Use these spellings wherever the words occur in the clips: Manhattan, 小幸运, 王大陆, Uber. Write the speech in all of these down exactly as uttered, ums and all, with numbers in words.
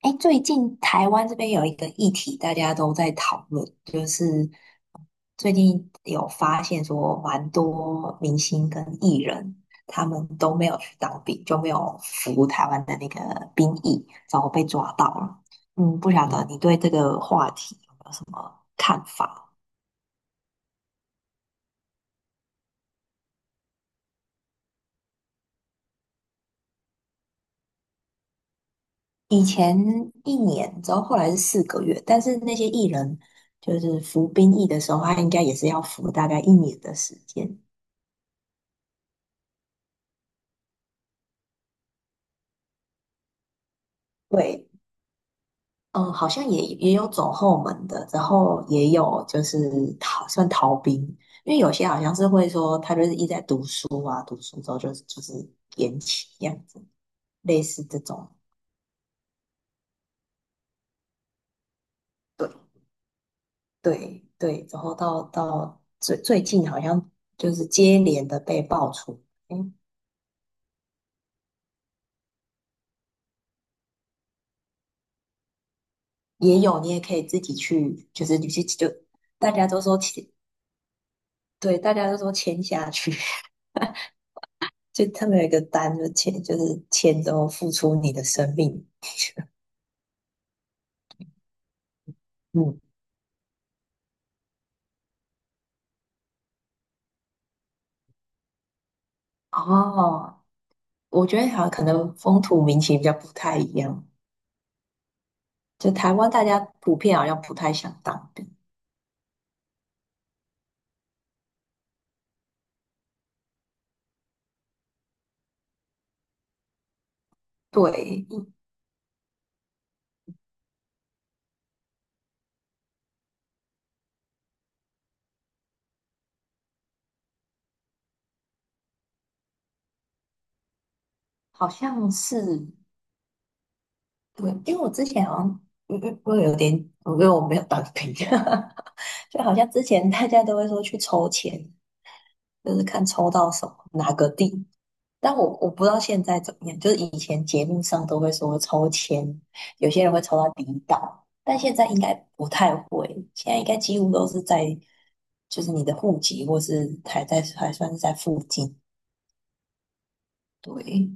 哎，最近台湾这边有一个议题，大家都在讨论，就是最近有发现说，蛮多明星跟艺人他们都没有去当兵，就没有服台湾的那个兵役，然后被抓到了。嗯，不晓得嗯你对这个话题有没有什么看法？以前一年，之后后来是四个月，但是那些艺人就是服兵役的时候，他应该也是要服大概一年的时间。对，嗯，好像也也有走后门的，然后也有就是逃算逃兵，因为有些好像是会说他就是一直在读书啊，读书之后就是就是延期这样子，类似这种。对对对，然后到到最最近好像就是接连的被爆出。嗯，也有你也可以自己去，就是有些就大家都说签，对，大家都说签下去。就他们有一个单，就签就是签之后付出你的生命。嗯。哦。我觉得好像可能风土民情比较不太一样，就台湾大家普遍好像不太想当兵。对。好像是。对，因为我之前好像嗯嗯会有点，因得我没有当兵，就好像之前大家都会说去抽签，就是看抽到什么哪个地。但我我不知道现在怎么样，就是以前节目上都会说抽签，有些人会抽到离岛，但现在应该不太会，现在应该几乎都是在就是你的户籍或是还在还算是在附近。对。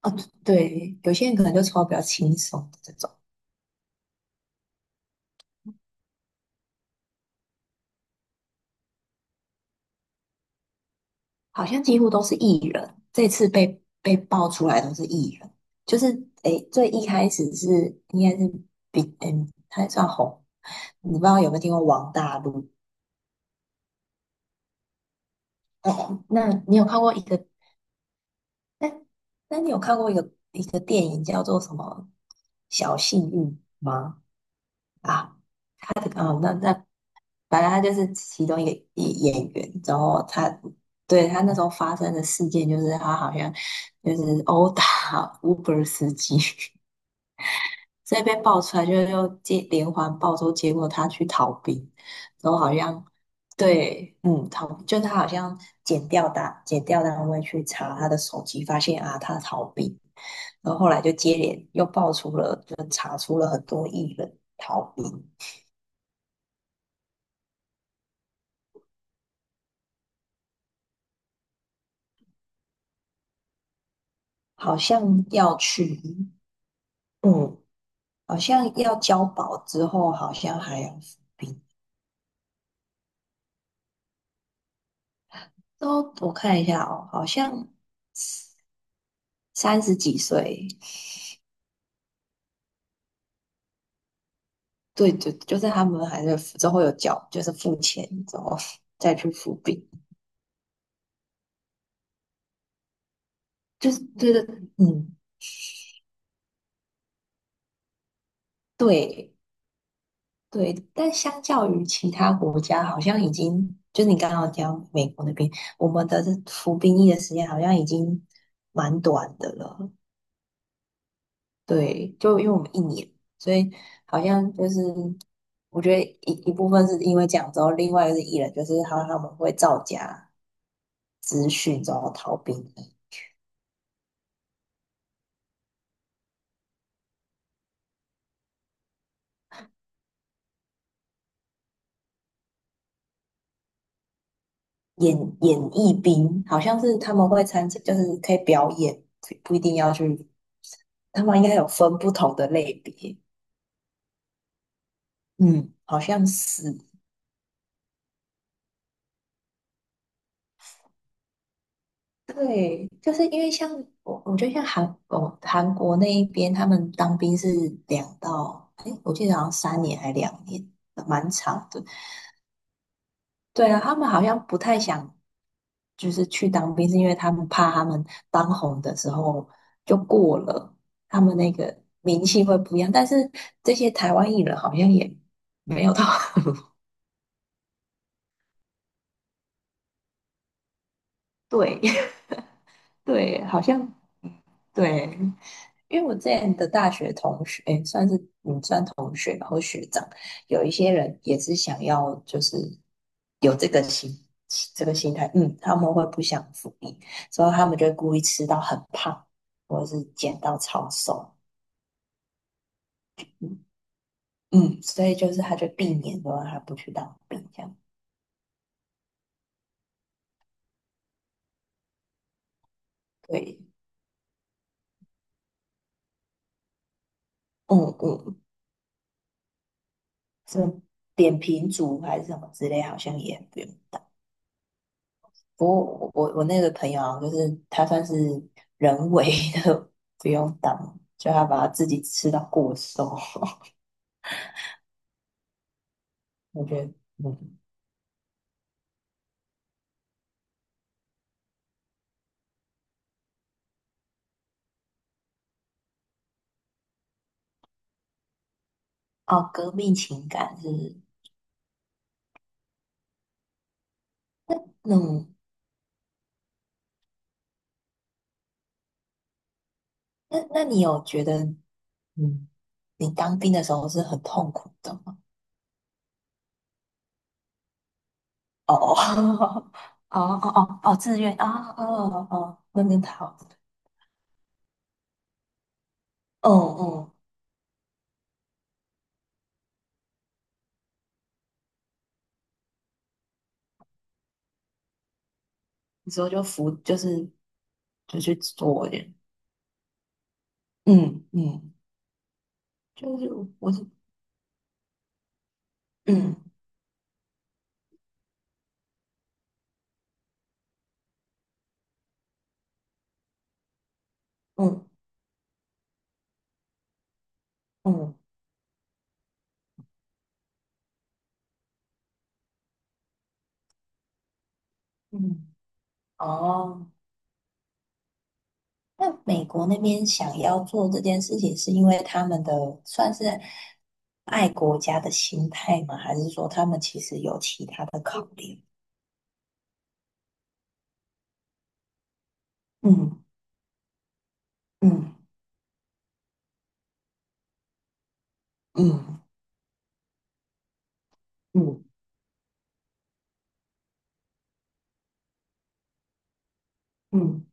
啊。对，有些人可能就抽到比较轻松的这种。好像几乎都是艺人，这次被被爆出来都是艺人。就是诶最一开始是应该是比嗯他算红，你不知道有没有听过王大陆？哦，那你有看过一个？那那你有看过一个一个电影叫做什么《小幸运》吗？啊，他的啊，那那反正他就是其中一个一演员，然后他对他那时候发生的事件就是他好像就是殴打 Uber 司机，所以被爆出来就又接连环爆之后，结果他去逃兵。然后好像对，嗯，逃就他好像检调单检调单位去查他的手机，发现啊他逃兵。然后后来就接连又爆出了，就查出了很多艺人逃兵。好像要去，嗯，好像要交保之后，好像还要服兵。都我看一下哦，好像三十几岁。对对，就是他们还是之后有缴，就是付钱之后 再去服役。就是觉得嗯，对对，但相较于其他国家，好像已经就是你刚刚讲美国那边，我们的这服兵役的时间好像已经蛮短的了。对，就因为我们一年，所以好像就是我觉得一一部分是因为这样之后，另外一个是艺人，就是好像他们会造假资讯然后逃兵役演演艺兵，好像是他们会参加，就是可以表演，不不一定要去。他们应该有分不同的类别，嗯，好像是。对，就是因为像我，我觉得像韩哦韩国那一边，他们当兵是两到，哎，我记得好像三年还两年，蛮长的。对啊，他们好像不太想，就是去当兵，是因为他们怕他们当红的时候就过了，他们那个名气会不一样。但是这些台湾艺人好像也没有到。对。 对，好像对，因为我这样的大学同学，算是有一些人也是想要，就是有这个心这个心态，嗯，他们会不想服役，所以他们就会故意吃到很胖，或者是减到超瘦。嗯，所以就是他就避免说他不去当兵这样。对。嗯嗯。这扁平足还是什么之类，好像也不用当。不过我我我那个朋友啊，就是他算是人为的 不用当，就他把他自己吃到过瘦。我觉得，嗯，哦，革命情感是那种。那那你有觉得，嗯，你当兵的时候是很痛苦的吗？哦哦 哦哦哦哦，自愿啊哦哦哦，那边好。嗯嗯，你之后就服就是就去做一点。嗯嗯，就是我是嗯嗯嗯嗯哦，那美国那边想要做这件事情，是因为他们的算是爱国家的心态吗？还是说他们其实有其他的考量？嗯嗯嗯嗯嗯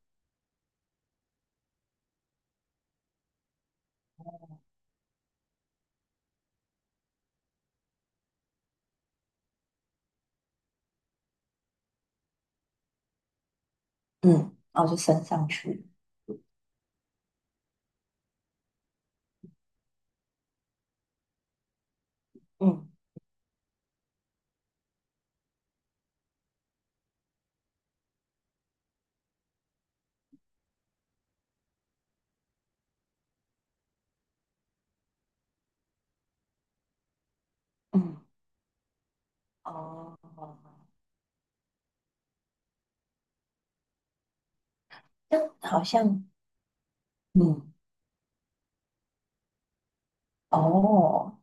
嗯，然哦，就升上去。嗯。嗯，哦，但好像，嗯，哦，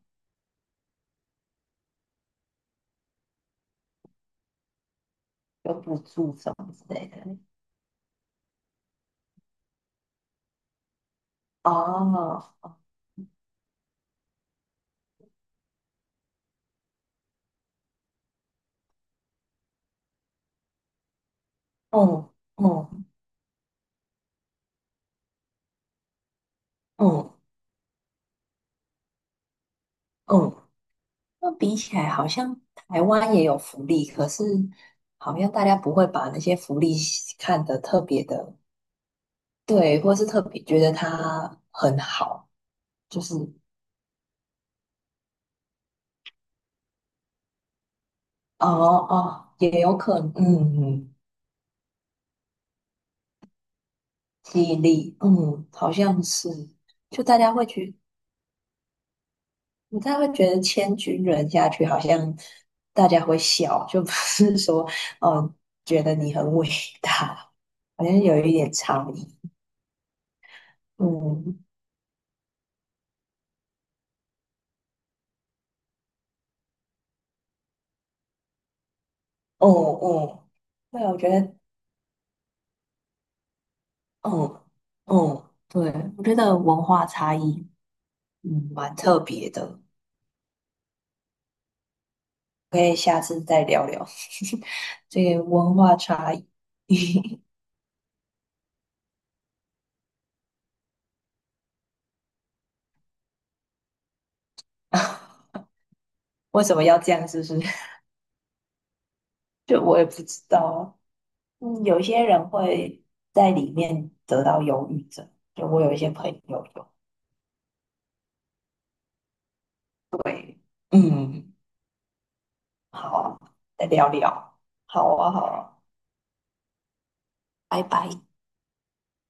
有补助什么之类的。哦。哦哦哦哦。那比起来，好像台湾也有福利，可是好像大家不会把那些福利看得特别的，对，或是特别觉得它很好，就是，哦哦，也有可能，嗯，嗯，记忆力，嗯，好像是，就大家会去。你这样会觉得千军人下去，好像大家会笑，就不是说哦，觉得你很伟大，好像有一点差异。嗯，哦哦，对啊，我觉得，嗯嗯，对，我觉得文化差异。嗯，蛮特别的，可以下次再聊聊 这个文化差异。为什么要这样，是不是？就我也不知道啊嗯，有些人会在里面得到忧郁症，就我有一些朋友有。对。嗯。好啊再聊聊。好啊，好啊，拜拜。